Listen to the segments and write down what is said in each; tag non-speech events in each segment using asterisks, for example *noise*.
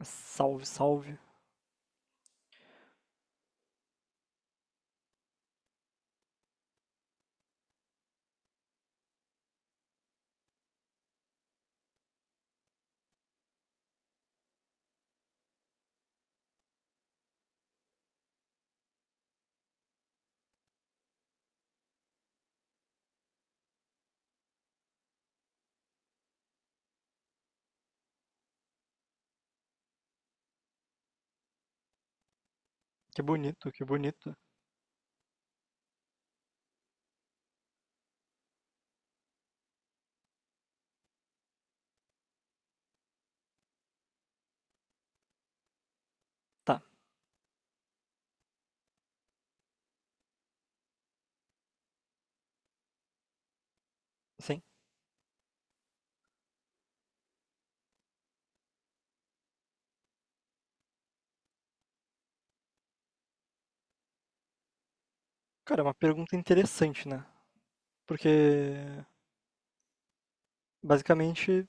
Salve, salve. Que bonito, que bonito. Tá, sim. Cara, é uma pergunta interessante, né? Porque, basicamente,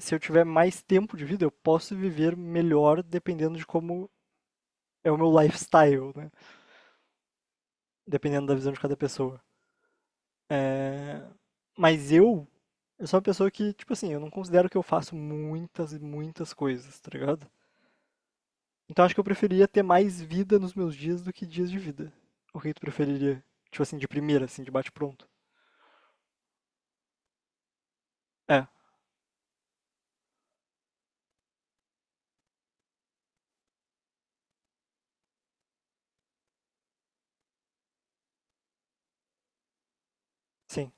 se eu tiver mais tempo de vida, eu posso viver melhor dependendo de como é o meu lifestyle, né? Dependendo da visão de cada pessoa. Mas eu sou uma pessoa que, tipo assim, eu não considero que eu faço muitas e muitas coisas, tá ligado? Então acho que eu preferia ter mais vida nos meus dias do que dias de vida. O que tu preferiria? Tipo assim, de primeira, assim, de bate-pronto. É, sim,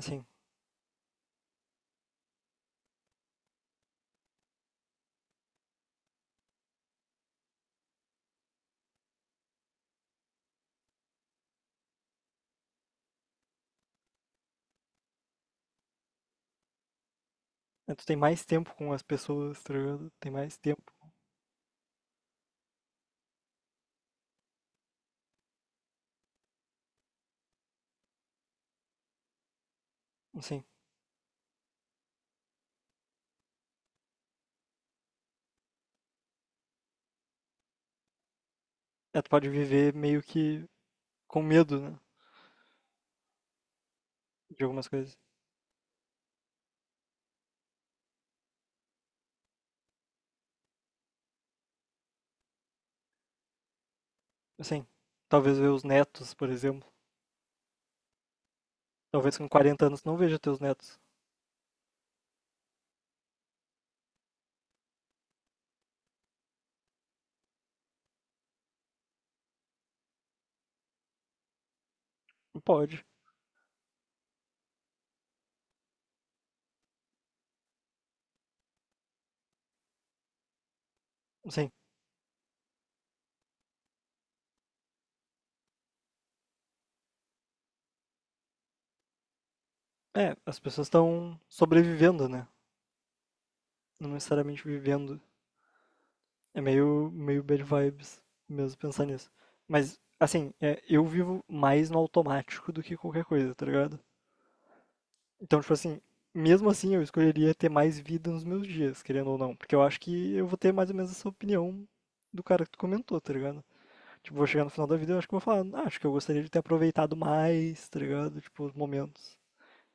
sim. É, tu tem mais tempo com as pessoas, tá ligado? Tem mais tempo, assim. É, tu pode viver meio que com medo, né? De algumas coisas. Assim, talvez ver os netos, por exemplo. Talvez com 40 anos tu não veja teus netos. Não pode. Assim, é, as pessoas estão sobrevivendo, né? Não necessariamente vivendo. É meio, meio bad vibes mesmo pensar nisso. Mas, assim, é, eu vivo mais no automático do que qualquer coisa, tá ligado? Então, tipo assim, mesmo assim eu escolheria ter mais vida nos meus dias, querendo ou não. Porque eu acho que eu vou ter mais ou menos essa opinião do cara que tu comentou, tá ligado? Tipo, vou chegar no final da vida e eu acho que vou falar, ah, acho que eu gostaria de ter aproveitado mais, tá ligado? Tipo, os momentos.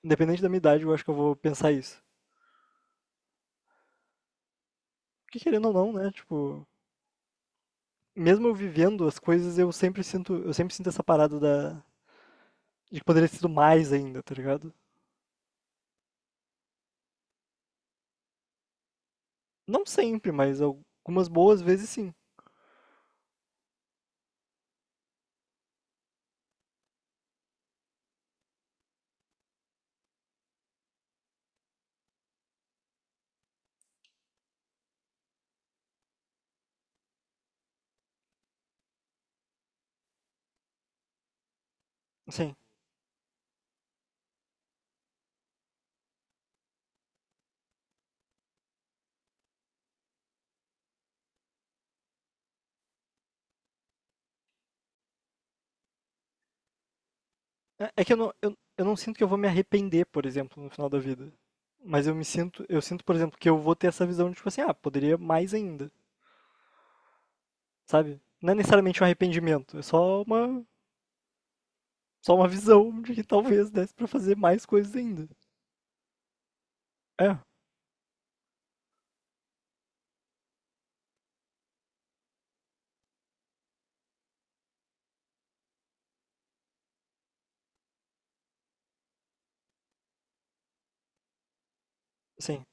Independente da minha idade, eu acho que eu vou pensar isso. Porque querendo ou não, né? Tipo, mesmo eu vivendo as coisas, eu sempre sinto essa parada da de que poderia ter sido mais ainda, tá ligado? Não sempre, mas algumas boas vezes sim. Sim. É é que eu não sinto que eu vou me arrepender, por exemplo, no final da vida. Mas eu sinto, por exemplo, que eu vou ter essa visão de tipo assim, ah, poderia mais ainda, sabe? Não é necessariamente um arrependimento, é só uma visão de que talvez desse pra fazer mais coisas ainda. É, sim,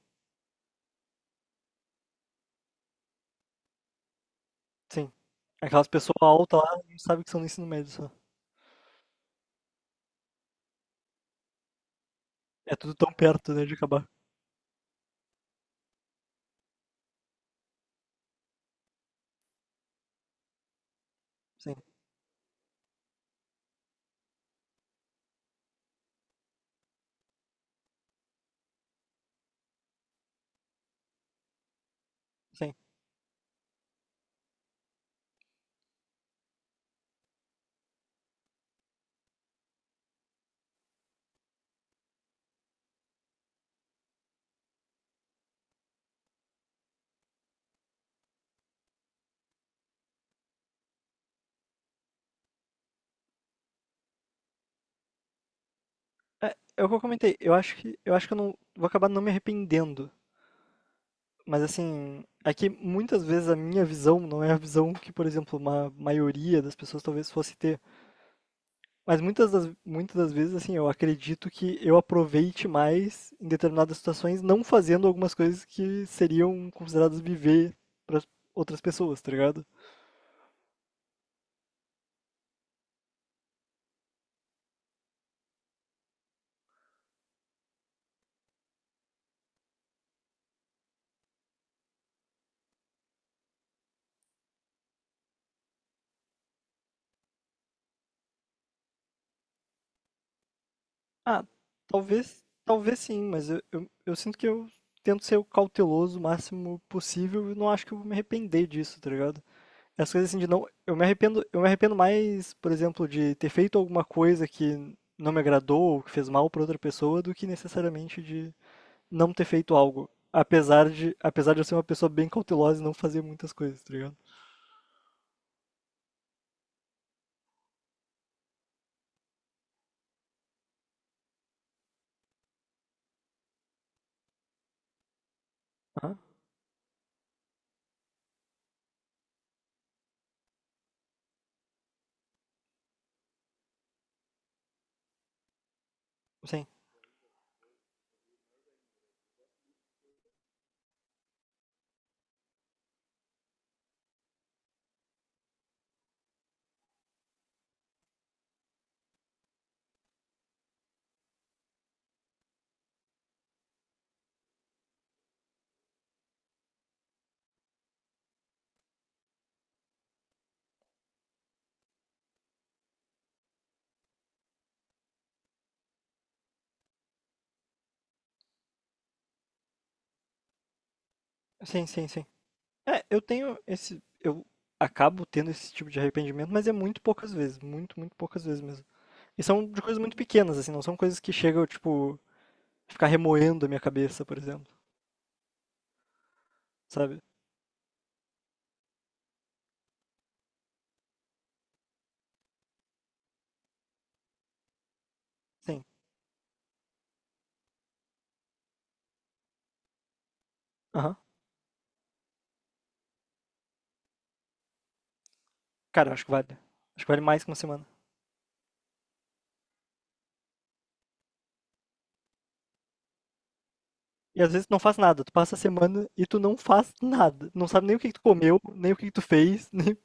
sim. Aquelas pessoas altas lá não sabem que são no ensino médio só. É tudo tão perto, né, de acabar. Sim, sim. É, é o que eu comentei, eu acho que eu não vou acabar não me arrependendo. Mas assim, é que muitas vezes a minha visão não é a visão que, por exemplo, uma maioria das pessoas talvez fosse ter. Mas muitas das vezes, assim, eu acredito que eu aproveite mais em determinadas situações, não fazendo algumas coisas que seriam consideradas viver para outras pessoas, tá ligado? Ah, talvez, talvez sim, mas eu sinto que eu tento ser o cauteloso o máximo possível e não acho que eu vou me arrepender disso, tá ligado? As coisas assim de não. Eu me arrependo mais, por exemplo, de ter feito alguma coisa que não me agradou ou que fez mal para outra pessoa do que necessariamente de não ter feito algo. Apesar de eu ser uma pessoa bem cautelosa e não fazer muitas coisas, tá ligado? Aham. Sim, sim, sim, sim. É, eu tenho esse. Eu acabo tendo esse tipo de arrependimento, mas é muito poucas vezes. Muito, muito poucas vezes mesmo. E são de coisas muito pequenas, assim, não são coisas que chegam, tipo, ficar remoendo a minha cabeça, por exemplo. Sabe? Sim. Aham. Cara, eu acho que vale. Acho que vale mais que uma semana. E às vezes tu não faz nada, tu passa a semana e tu não faz nada. Não sabe nem o que que tu comeu, nem o que que tu fez, *laughs* nem.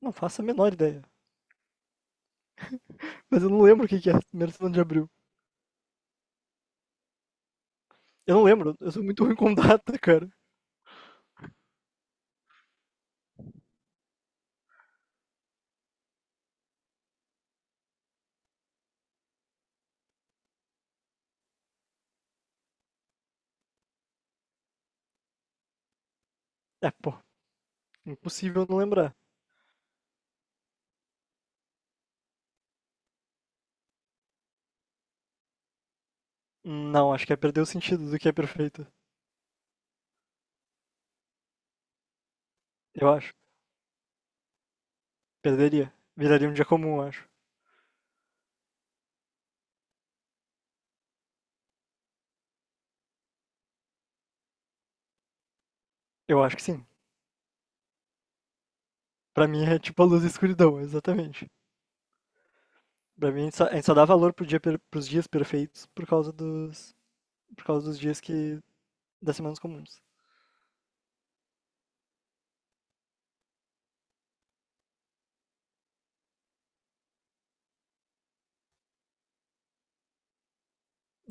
Não faço a menor ideia. Mas eu não lembro o que que é a primeira semana de abril. Eu não lembro, eu sou muito ruim com *laughs* data, cara. É, pô, impossível não lembrar. Não, acho que é perder o sentido do que é perfeito. Eu acho. Perderia. Viraria um dia comum, eu acho. Eu acho que sim. Pra mim é tipo a luz e a escuridão, exatamente. Pra mim a gente só dá valor pro dia per- pros dias perfeitos por causa dos. Por causa dos dias que das semanas comuns.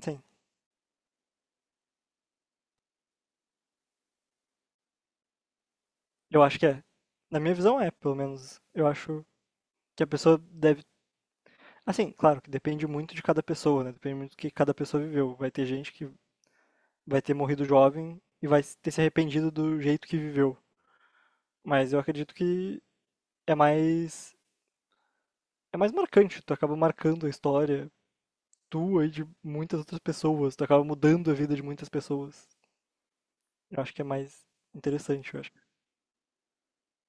Sim, eu acho que é. Na minha visão é, pelo menos. Eu acho que a pessoa deve. Assim, claro que depende muito de cada pessoa, né? Depende muito do que cada pessoa viveu. Vai ter gente que vai ter morrido jovem e vai ter se arrependido do jeito que viveu. Mas eu acredito que é mais. É mais marcante. Tu acaba marcando a história tua e de muitas outras pessoas. Tu acaba mudando a vida de muitas pessoas. Eu acho que é mais interessante, eu acho que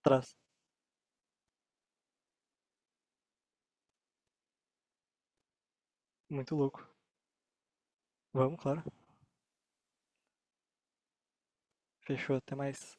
traz. Muito louco. Vamos, claro. Fechou, até mais.